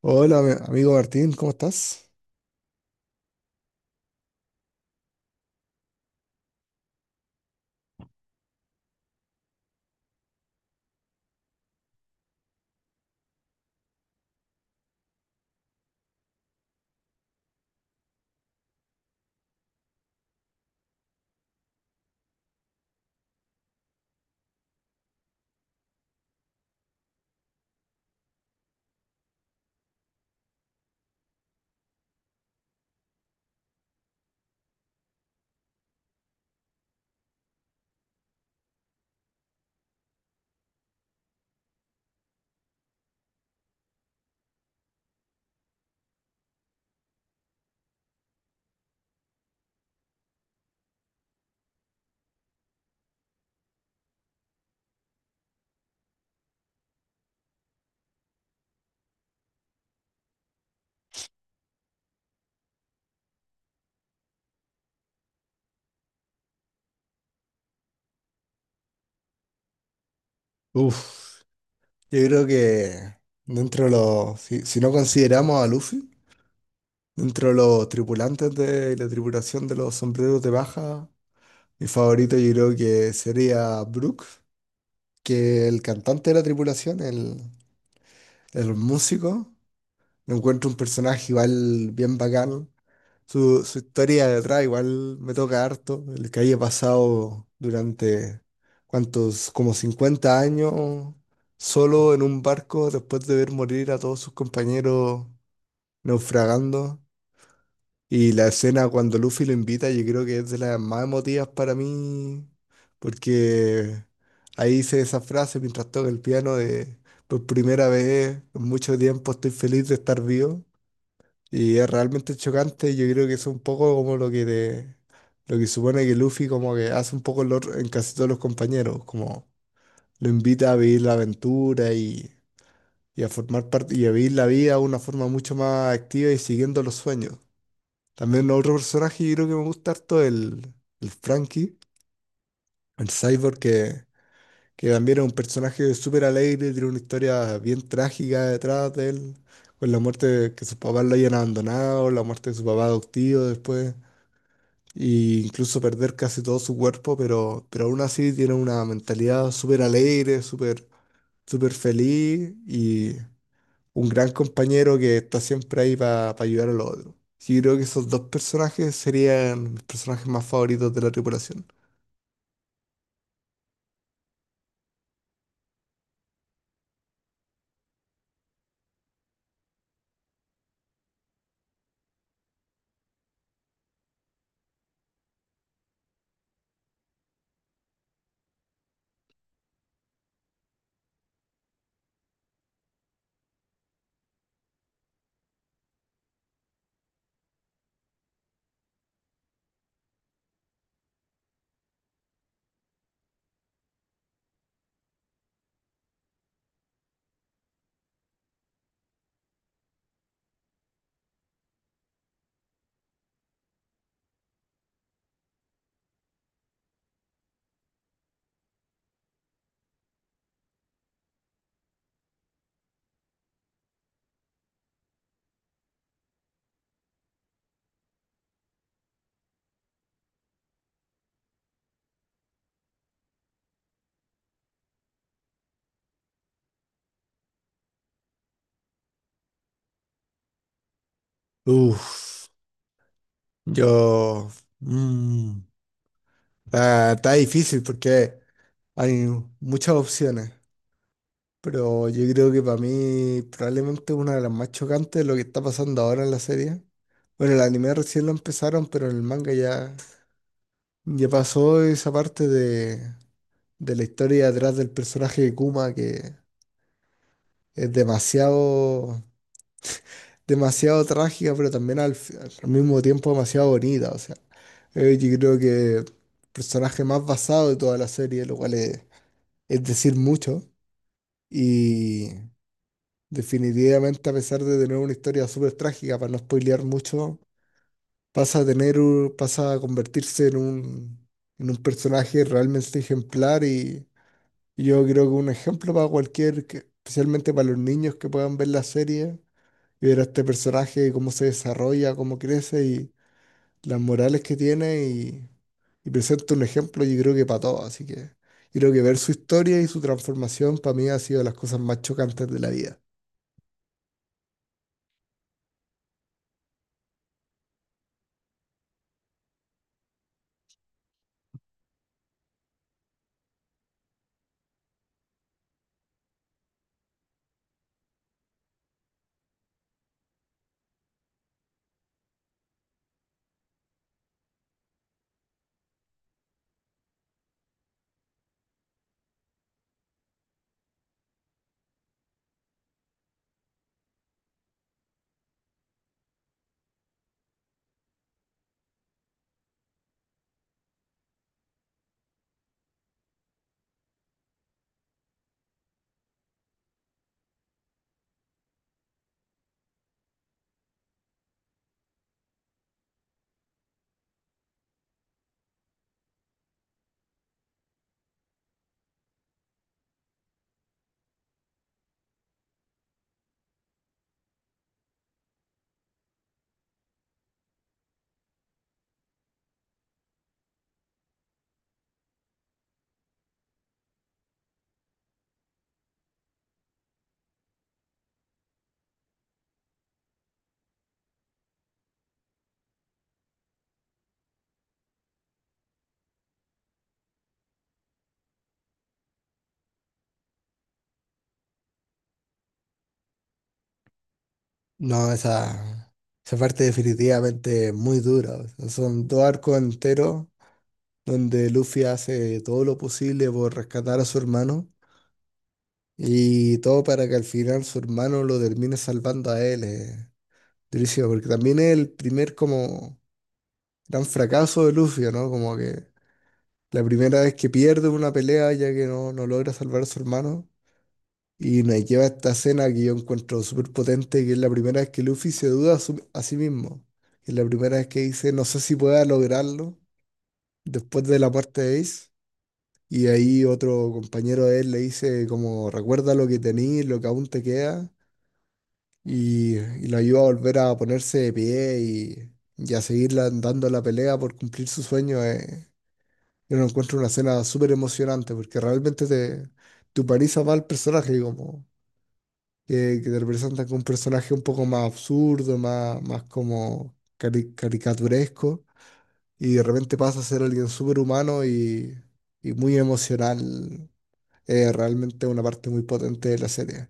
Hola, amigo Martín, ¿cómo estás? Uf, yo creo que dentro de los, si no consideramos a Luffy, dentro de los tripulantes de la tripulación de los sombreros de baja, mi favorito yo creo que sería Brook, que el cantante de la tripulación, el músico, lo encuentro un personaje igual bien bacán. Su historia detrás igual me toca harto, el que haya pasado durante, ¿cuántos? Como 50 años solo en un barco después de ver morir a todos sus compañeros naufragando. Y la escena cuando Luffy lo invita, yo creo que es de las más emotivas para mí, porque ahí hice esa frase mientras toca el piano de, por primera vez en mucho tiempo estoy feliz de estar vivo. Y es realmente chocante, yo creo que es un poco como lo que supone que Luffy como que hace un poco en casi todos los compañeros, como lo invita a vivir la aventura y a formar parte y a vivir la vida de una forma mucho más activa y siguiendo los sueños. También otro personaje que creo que me gusta harto es el Frankie, el Cyborg que también es un personaje súper alegre, tiene una historia bien trágica detrás de él, con la que sus papás lo hayan abandonado, la muerte de su papá adoptivo después, e incluso perder casi todo su cuerpo, pero aún así tiene una mentalidad súper alegre, súper feliz y un gran compañero que está siempre ahí para ayudar a los otros. Yo creo que esos dos personajes serían mis personajes más favoritos de la tripulación. Uff, yo... mm, está difícil porque hay muchas opciones. Pero yo creo que para mí probablemente una de las más chocantes es lo que está pasando ahora en la serie. Bueno, el anime recién lo empezaron, pero en el manga ya pasó esa parte de la historia detrás del personaje de Kuma que es demasiado, demasiado trágica, pero también al mismo tiempo demasiado bonita. O sea, yo creo que el personaje más basado de toda la serie, lo cual es decir mucho. Definitivamente, a pesar de tener una historia súper trágica, para no spoilear mucho, pasa a pasa a convertirse en en un personaje realmente ejemplar y yo creo que un ejemplo para especialmente para los niños que puedan ver la serie y ver a este personaje, cómo se desarrolla, cómo crece y las morales que tiene y presenta un ejemplo, yo creo que para todos. Así que yo creo que ver su historia y su transformación para mí ha sido de las cosas más chocantes de la vida. No, esa parte definitivamente es muy dura. O sea, son dos arcos enteros donde Luffy hace todo lo posible por rescatar a su hermano y todo para que al final su hermano lo termine salvando a él. Durísimo, porque también es el primer como gran fracaso de Luffy, ¿no? Como que la primera vez que pierde una pelea ya que no logra salvar a su hermano. Y nos lleva a esta escena que yo encuentro súper potente, que es la primera vez que Luffy se duda a sí mismo. Es la primera vez que dice, no sé si pueda lograrlo después de la muerte de Ace. Y ahí otro compañero de él le dice, como, recuerda lo que tenés, lo que aún te queda. Y lo ayuda a volver a ponerse de pie y a dando la pelea por cumplir su sueño. Yo lo encuentro una escena súper emocionante porque realmente te humaniza más al personaje, como que te representan con un personaje un poco más absurdo, más como caricaturesco, y de repente pasa a ser alguien súper humano y muy emocional. Es realmente una parte muy potente de la serie.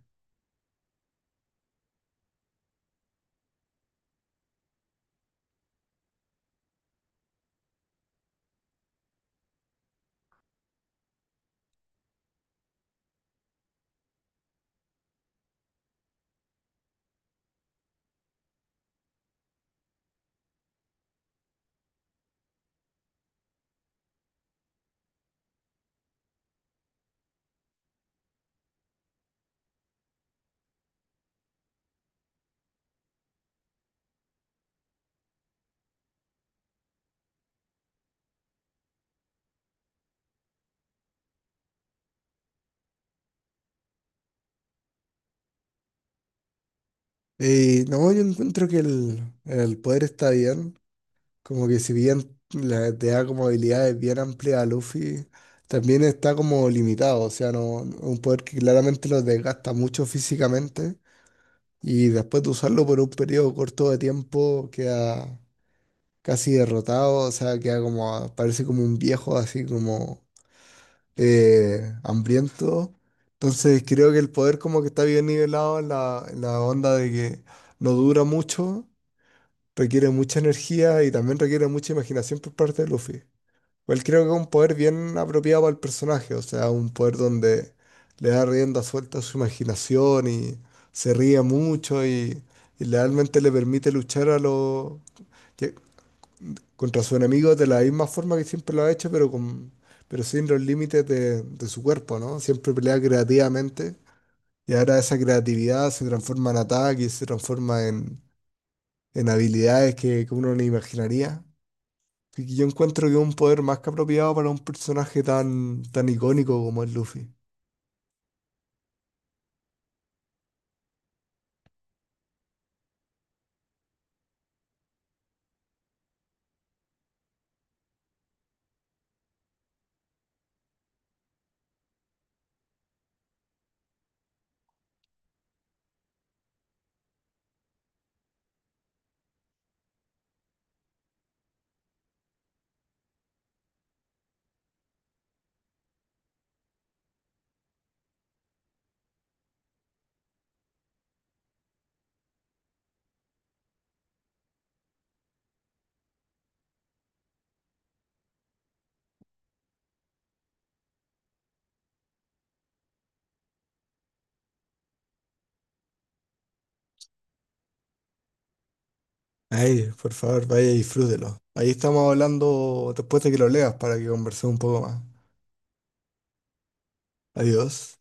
Y no, yo encuentro que el poder está bien, como que si bien te da como habilidades bien amplias a Luffy, también está como limitado, o sea, un poder que claramente lo desgasta mucho físicamente. Y después de usarlo por un periodo corto de tiempo, queda casi derrotado, o sea, queda como, parece como un viejo así como hambriento. Entonces creo que el poder como que está bien nivelado en en la onda de que no dura mucho, requiere mucha energía y también requiere mucha imaginación por parte de Luffy. Igual creo que es un poder bien apropiado para el personaje, o sea, un poder donde le da rienda suelta a su imaginación y se ríe mucho y realmente le permite luchar a que- contra sus enemigos de la misma forma que siempre lo ha hecho, pero con pero sin los límites de su cuerpo, ¿no? Siempre pelea creativamente y ahora esa creatividad se transforma en ataques, se transforma en habilidades que uno no imaginaría. Yo encuentro que es un poder más que apropiado para un personaje tan, tan icónico como es Luffy. Ay, por favor, vaya y disfrútelo. Ahí estamos hablando después de que lo leas para que conversemos un poco más. Adiós.